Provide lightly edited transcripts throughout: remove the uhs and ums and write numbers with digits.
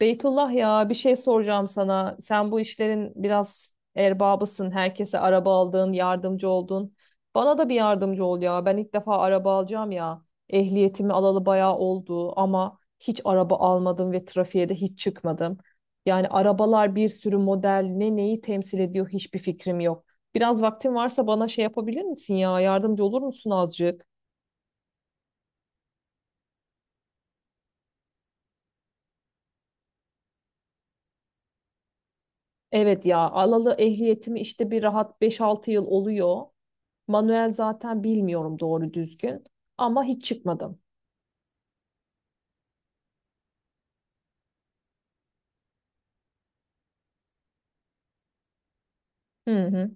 Beytullah ya bir şey soracağım sana. Sen bu işlerin biraz erbabısın. Herkese araba aldın, yardımcı oldun. Bana da bir yardımcı ol ya. Ben ilk defa araba alacağım ya. Ehliyetimi alalı bayağı oldu ama hiç araba almadım ve trafiğe de hiç çıkmadım. Yani arabalar bir sürü model neyi temsil ediyor hiçbir fikrim yok. Biraz vaktin varsa bana şey yapabilir misin ya? Yardımcı olur musun azıcık? Evet ya alalı ehliyetimi işte bir rahat 5-6 yıl oluyor. Manuel zaten bilmiyorum doğru düzgün ama hiç çıkmadım. Hı hı.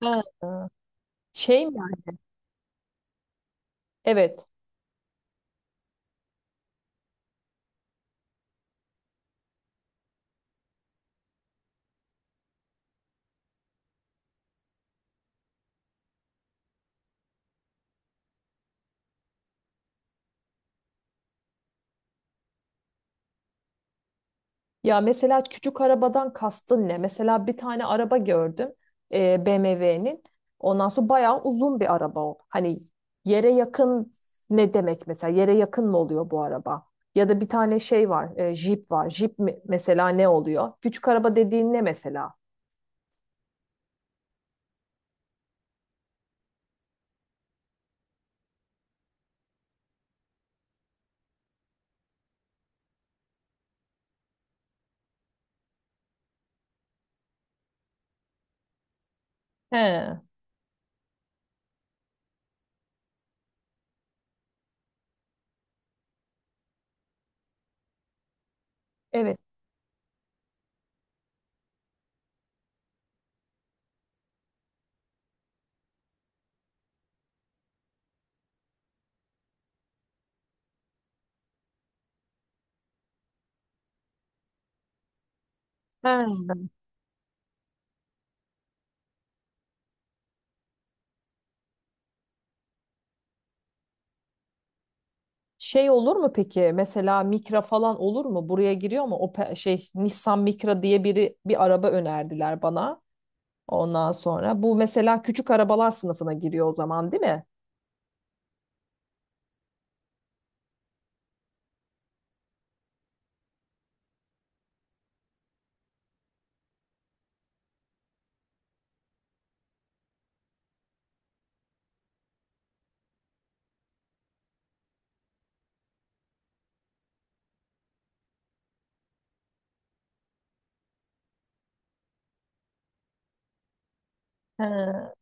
Ha. Şey mi? Evet. Ya mesela küçük arabadan kastın ne? Mesela bir tane araba gördüm. BMW'nin. Ondan sonra bayağı uzun bir araba o. Hani yere yakın ne demek mesela? Yere yakın mı oluyor bu araba? Ya da bir tane şey var, jip var. Mesela ne oluyor? Küçük araba dediğin ne mesela? He, evet. He. Şey olur mu peki? Mesela Micra falan olur mu? Buraya giriyor mu? O pe- şey Nissan Micra diye biri bir araba önerdiler bana. Ondan sonra bu mesela küçük arabalar sınıfına giriyor o zaman değil mi? Ha,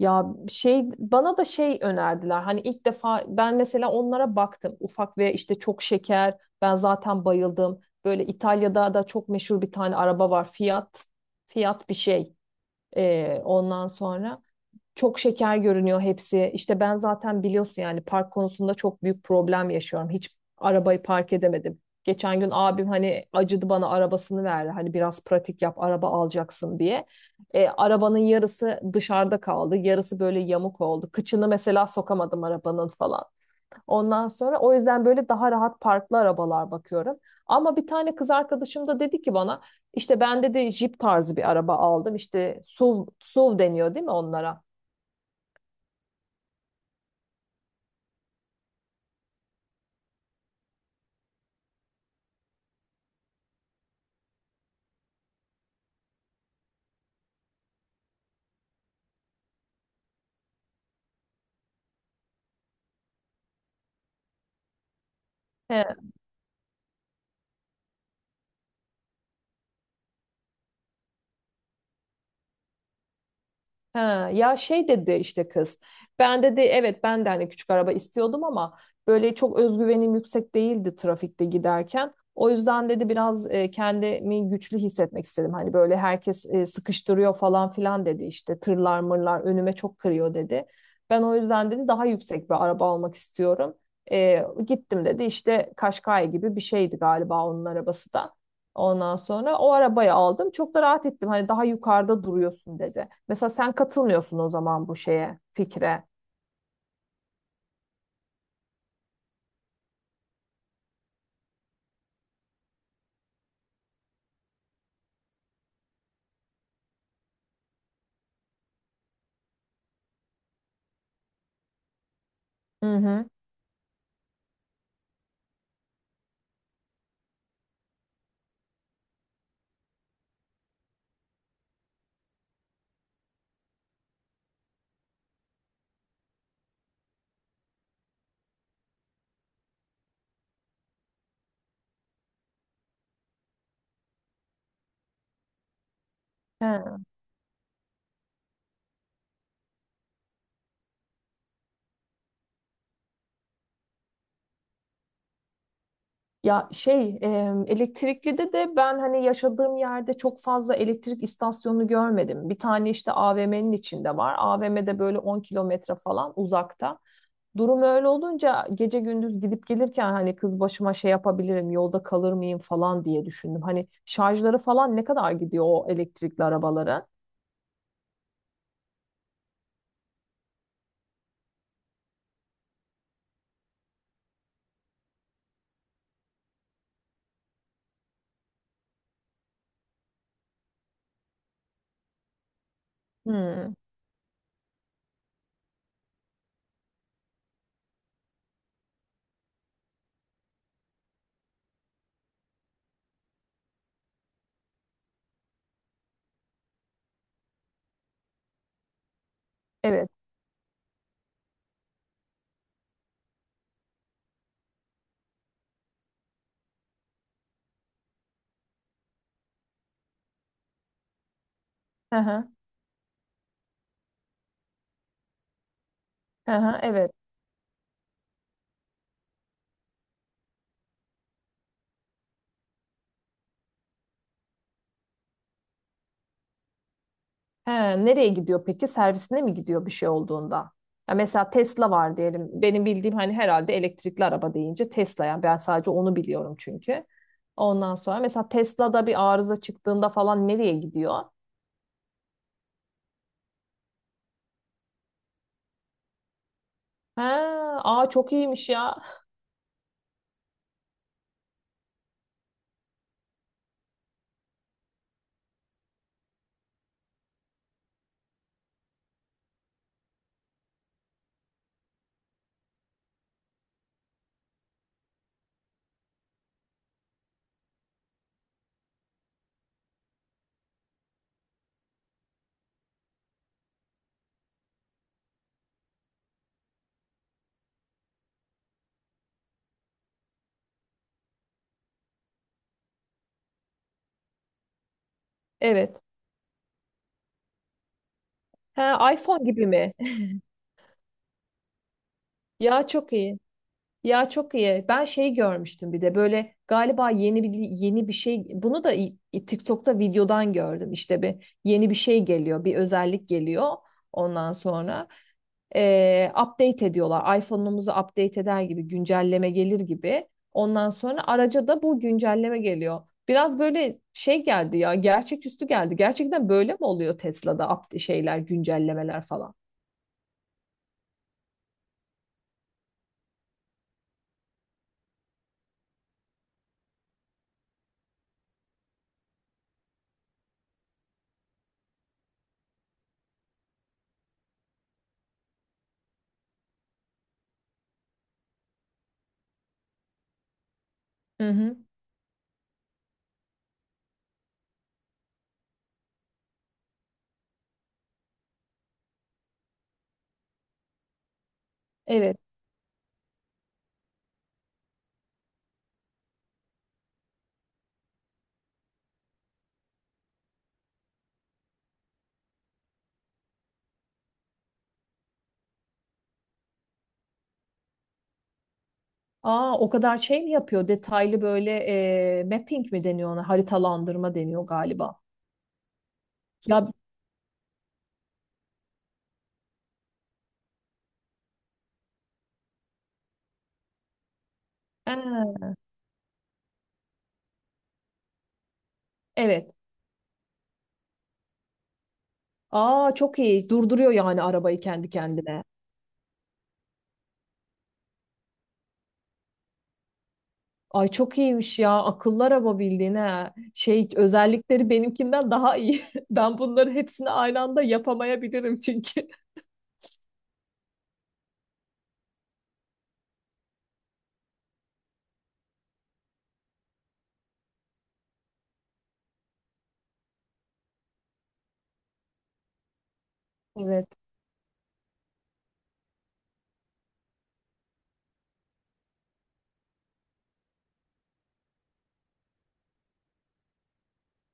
ya şey bana da şey önerdiler. Hani ilk defa ben mesela onlara baktım. Ufak ve işte çok şeker. Ben zaten bayıldım. Böyle İtalya'da da çok meşhur bir tane araba var. Fiat. Fiat bir şey. Ondan sonra. Çok şeker görünüyor hepsi. İşte ben zaten biliyorsun yani park konusunda çok büyük problem yaşıyorum. Hiç arabayı park edemedim. Geçen gün abim hani acıdı bana arabasını verdi. Hani biraz pratik yap araba alacaksın diye. Arabanın yarısı dışarıda kaldı. Yarısı böyle yamuk oldu. Kıçını mesela sokamadım arabanın falan. Ondan sonra o yüzden böyle daha rahat parklı arabalar bakıyorum. Ama bir tane kız arkadaşım da dedi ki bana işte ben dedi Jeep tarzı bir araba aldım. İşte SUV, SUV deniyor değil mi onlara? He, ha, ya şey dedi işte kız. Ben dedi evet ben de hani küçük araba istiyordum ama böyle çok özgüvenim yüksek değildi trafikte giderken. O yüzden dedi biraz kendimi güçlü hissetmek istedim. Hani böyle herkes sıkıştırıyor falan filan dedi işte tırlar mırlar önüme çok kırıyor dedi. Ben o yüzden dedi daha yüksek bir araba almak istiyorum. Gittim dedi işte Kaşkay gibi bir şeydi galiba onun arabası da. Ondan sonra o arabayı aldım. Çok da rahat ettim. Hani daha yukarıda duruyorsun dedi. Mesela sen katılmıyorsun o zaman bu şeye, fikre. Hı hı. He. Ya şey elektrikli de ben hani yaşadığım yerde çok fazla elektrik istasyonu görmedim. Bir tane işte AVM'nin içinde var. AVM'de böyle 10 km falan uzakta. Durum öyle olunca gece gündüz gidip gelirken hani kız başıma şey yapabilirim, yolda kalır mıyım falan diye düşündüm. Hani şarjları falan ne kadar gidiyor o elektrikli arabaların? Hmm, evet. Hı hı, hı hı, evet. He, nereye gidiyor peki? Servisine mi gidiyor bir şey olduğunda? Ya mesela Tesla var diyelim. Benim bildiğim hani herhalde elektrikli araba deyince Tesla yani ben sadece onu biliyorum çünkü. Ondan sonra mesela Tesla'da bir arıza çıktığında falan nereye gidiyor? He, aa çok iyiymiş ya. Evet. He, iPhone gibi mi? Ya çok iyi. Ya çok iyi. Ben şey görmüştüm bir de böyle galiba yeni bir şey bunu da TikTok'ta videodan gördüm. İşte bir yeni bir şey geliyor, bir özellik geliyor ondan sonra. Update ediyorlar. iPhone'umuzu update eder gibi güncelleme gelir gibi. Ondan sonra araca da bu güncelleme geliyor. Biraz böyle şey geldi ya, gerçeküstü geldi. Gerçekten böyle mi oluyor Tesla'da şeyler, güncellemeler falan? Hı hı. Evet. Aa, o kadar şey mi yapıyor? Detaylı böyle mapping mi deniyor ona? Haritalandırma deniyor galiba. Ya, ha, evet. Aa çok iyi. Durduruyor yani arabayı kendi kendine. Ay çok iyiymiş ya. Akıllı araba bildiğin ha. Şey özellikleri benimkinden daha iyi. Ben bunları hepsini aynı anda yapamayabilirim çünkü. Evet.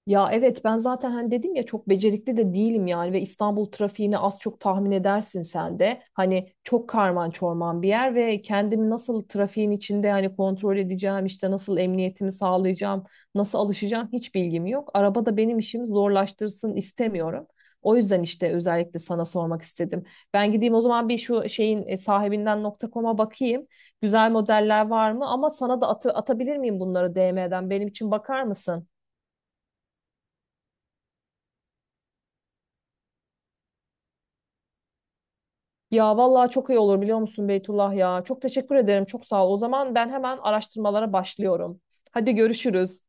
Ya evet ben zaten hani dedim ya çok becerikli de değilim yani ve İstanbul trafiğini az çok tahmin edersin sen de. Hani çok karman çorman bir yer ve kendimi nasıl trafiğin içinde hani kontrol edeceğim işte nasıl emniyetimi sağlayacağım, nasıl alışacağım hiç bilgim yok. Araba da benim işimi zorlaştırsın istemiyorum. O yüzden işte özellikle sana sormak istedim. Ben gideyim o zaman bir şu şeyin sahibinden.com'a bakayım. Güzel modeller var mı? Ama sana da atabilir miyim bunları DM'den? Benim için bakar mısın? Ya vallahi çok iyi olur biliyor musun Beytullah ya. Çok teşekkür ederim. Çok sağ ol. O zaman ben hemen araştırmalara başlıyorum. Hadi görüşürüz.